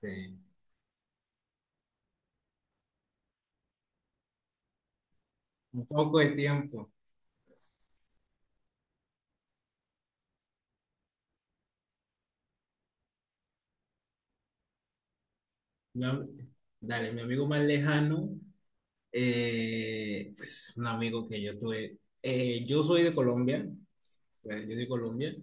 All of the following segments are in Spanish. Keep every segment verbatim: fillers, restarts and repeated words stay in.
Sí, un poco de tiempo. Mi am- Dale, mi amigo más lejano, eh, pues un amigo que yo tuve. Eh, yo soy de Colombia, eh, yo soy de Colombia,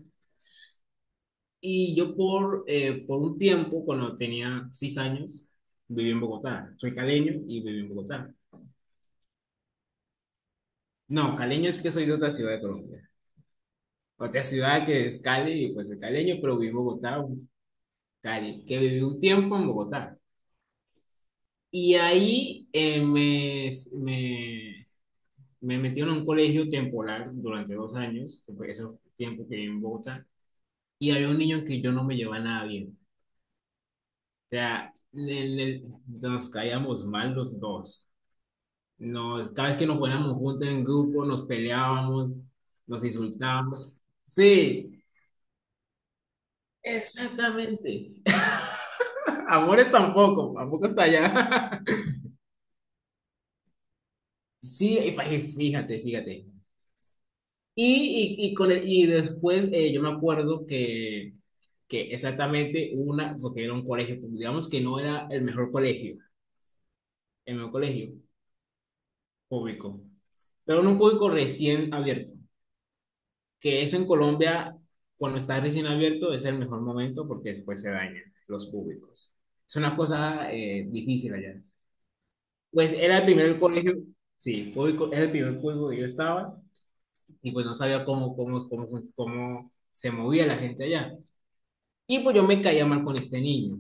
y yo por, eh, por un tiempo, cuando tenía seis años, viví en Bogotá. Soy caleño y viví en Bogotá. No, caleño es que soy de otra ciudad de Colombia. Otra ciudad que es Cali, y pues soy caleño, pero viví en Bogotá, un- Cali, que viví un tiempo en Bogotá. Y ahí eh, me, me, me metí en un colegio temporal durante dos años, esos fue tiempo que viví en Bogotá, y había un niño que yo no me llevaba nada bien. O sea, le- le- nos caíamos mal los dos. Nos, cada vez que nos poníamos juntos en grupo, nos peleábamos, nos insultábamos. Sí, exactamente. Amores tampoco, tampoco está allá. Sí, y fa- fíjate, fíjate. Y, y, y con el- y después eh, yo me acuerdo que, que exactamente una, porque era un colegio, público, digamos que no era el mejor colegio, el mejor colegio público, pero era un público recién abierto, que eso en Colombia, cuando está recién abierto, es el mejor momento porque después se dañan los públicos. Es una cosa eh, difícil allá. Pues era el primer colegio, sí, público, era el primer público que yo estaba y pues no sabía cómo, cómo, cómo, cómo se movía la gente allá. Y pues yo me caía mal con este niño.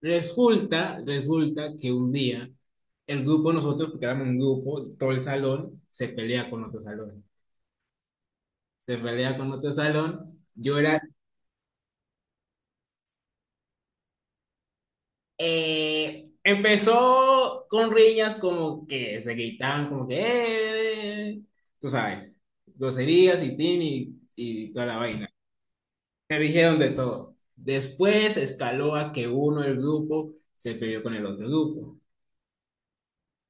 Resulta, resulta que un día el grupo, nosotros, porque éramos un grupo, todo el salón, se pelea con otro salón. Se pelea con otro salón. Yo era. Eh, empezó con riñas como que se gritaban, como que, eh, tú sabes, groserías y tin y, y toda la vaina. Se dijeron de todo. Después escaló a que uno del grupo se peleó con el otro grupo.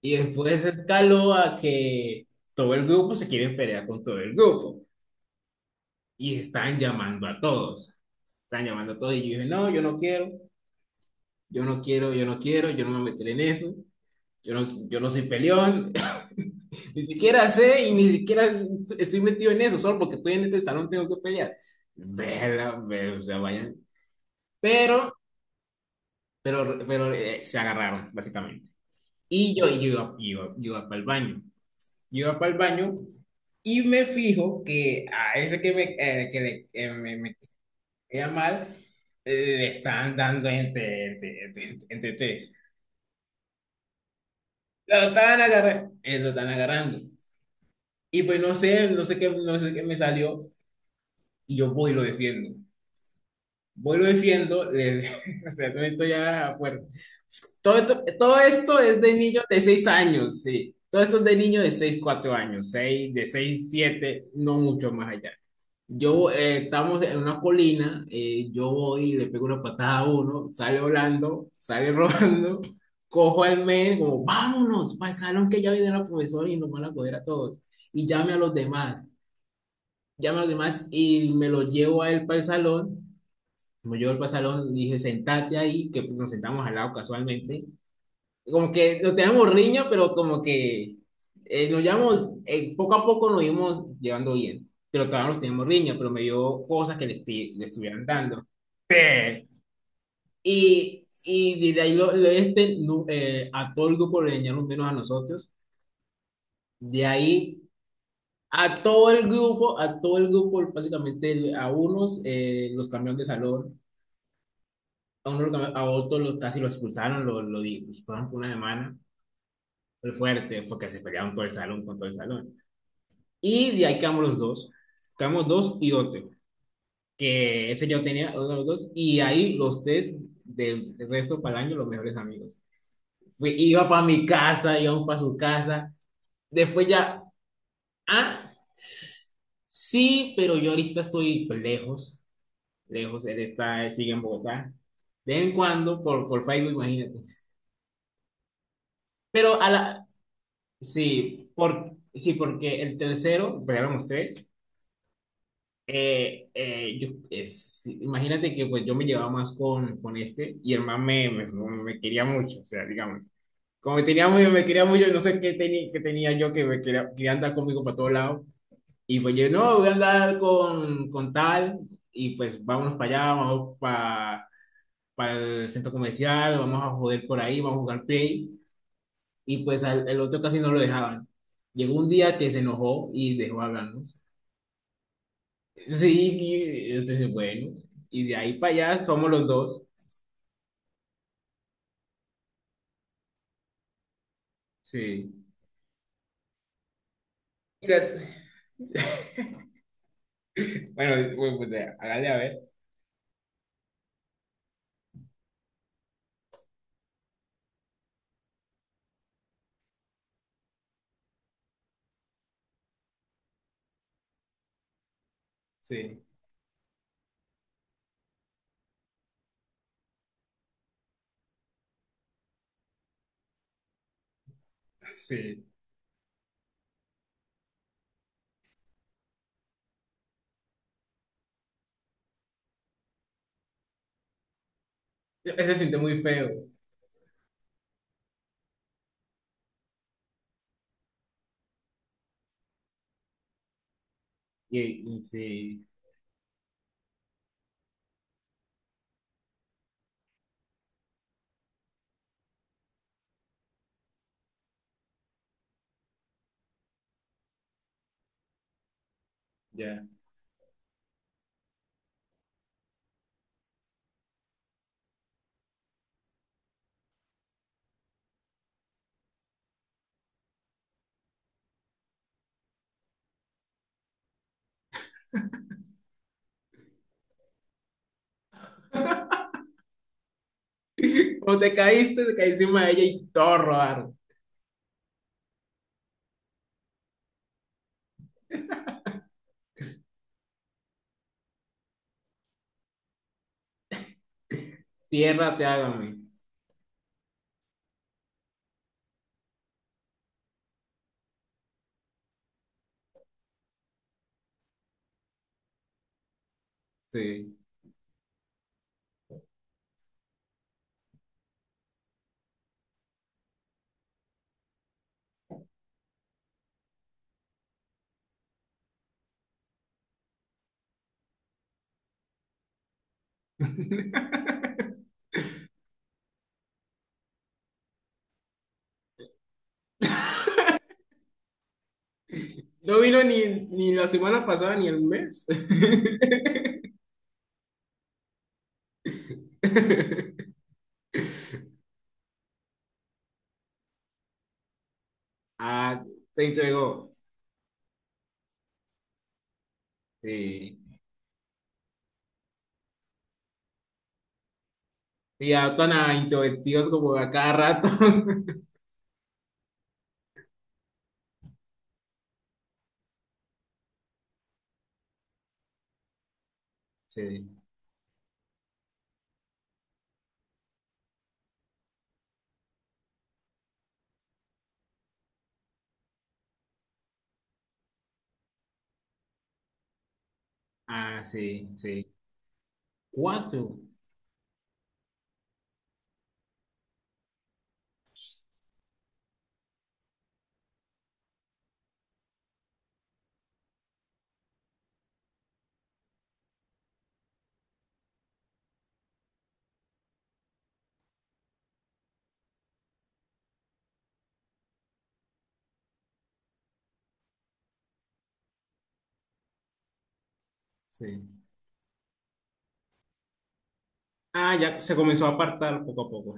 Y después escaló a que todo el grupo se quiere pelear con todo el grupo. Y están llamando a todos. Están llamando a todos. Y yo dije, no, yo no quiero, yo no quiero, yo no quiero, yo no me meteré en eso. Yo no, yo no soy peleón. Ni siquiera sé y ni siquiera estoy metido en eso. Solo porque estoy en este salón tengo que pelear. Verga, ve- o sea, vayan. Pero, pero, pero eh, se agarraron, básicamente. Y yo iba, iba, iba para el baño. Iba para el baño y me fijo que a ese que me, eh, que le- eh, me, me quería mal, eh, le estaban dando entre, entre, entre, entre tres. Lo estaban agarrando, lo estaban agarrando. Y pues no sé, no sé qué, no sé qué me salió y yo voy y lo defiendo. Voy y lo defiendo, le- o sea, eso esto ya fuerte. Todo esto, todo esto es de niños de seis años, sí. Todo esto es de niños de seis cuatro años, seis de seis siete no mucho más allá. Yo eh, estamos en una colina, eh, yo voy y le pego una patada a uno, sale volando, sale rodando, cojo al men, como vámonos para el salón que ya viene la profesora y nos van a coger a todos. Y llame a los demás, llame a los demás y me lo llevo a él para el salón. Me llevo para el salón, dije sentate ahí, que nos sentamos al lado casualmente como que lo teníamos riña, pero como que eh, nos llevamos, eh, poco a poco nos íbamos llevando bien, pero todavía nos teníamos riña, pero me dio cosas que le, esti- le estuvieran dando. Sí. Y, y de ahí lo, lo- este, nu- eh, a todo el grupo le dañaron menos a nosotros. De ahí a todo el grupo, a todo el grupo, básicamente a unos eh, los cambiaron de salón, a, uno lo cambi- a otros los- casi lo expulsaron, lo, lo di- lo expulsaron por una semana. Fue fuerte, porque se pelearon todo el salón con todo el salón. Y de ahí quedamos los dos. Quedamos dos y otro. Que ese yo tenía otro de los dos. Y ahí los tres del del resto para el año, los mejores amigos. Fui, iba para mi casa, iba para su casa. Después ya, ah, sí, pero yo ahorita estoy pues, lejos. Lejos, él está, sigue en Bogotá. De vez en cuando, por, por Facebook, imagínate. Pero a la, sí, por, sí, porque el tercero, pues éramos tres. Eh, eh, yo, es- imagínate que pues yo me llevaba más con, con este y el man me, me, me quería mucho, o sea, digamos, como me tenía muy, me quería mucho, no sé qué tenía, qué tenía yo que me quería, quería andar conmigo para todos lados y pues yo, no, voy a andar con, con tal y pues vámonos para allá, vamos para para el centro comercial, vamos a joder por ahí, vamos a jugar play y pues al, el otro casi no lo dejaban. Llegó un día que se enojó y dejó hablarnos. Sí, y, este, dice, bueno, y de ahí para allá somos los dos. Sí. Mira, bueno, pues, pues, de- hágale a ver. Sí, sí. Se siente muy feo. Y, y sí, ya. Cuando te caíste, te caí encima de ella y todo rodar. Tierra te hágame. Sí. No vino ni, ni la semana pasada ni el mes. Ah, se entregó. Sí. Y adoptan a introvertidos como a cada rato. Sí. Ah, sí, sí. Cuatro. Sí. Ah, ya se comenzó a apartar poco a poco.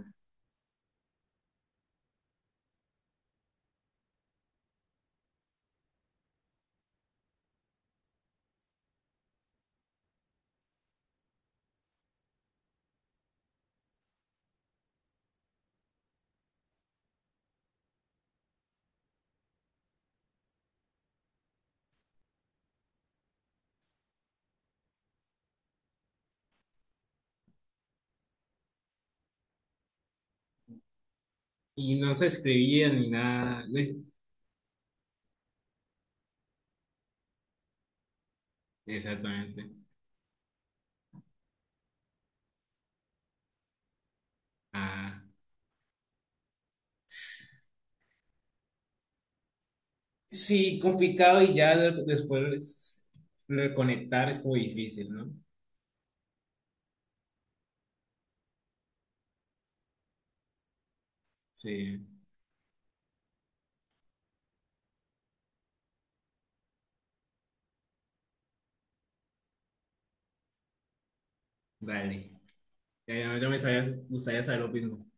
Y no se escribía ni nada. Sí, exactamente. Ah. Sí, complicado y ya de- después reconectar es muy difícil, ¿no? Sí, dale. Ya, ya, ya me sabía- gustaría saber lo mismo.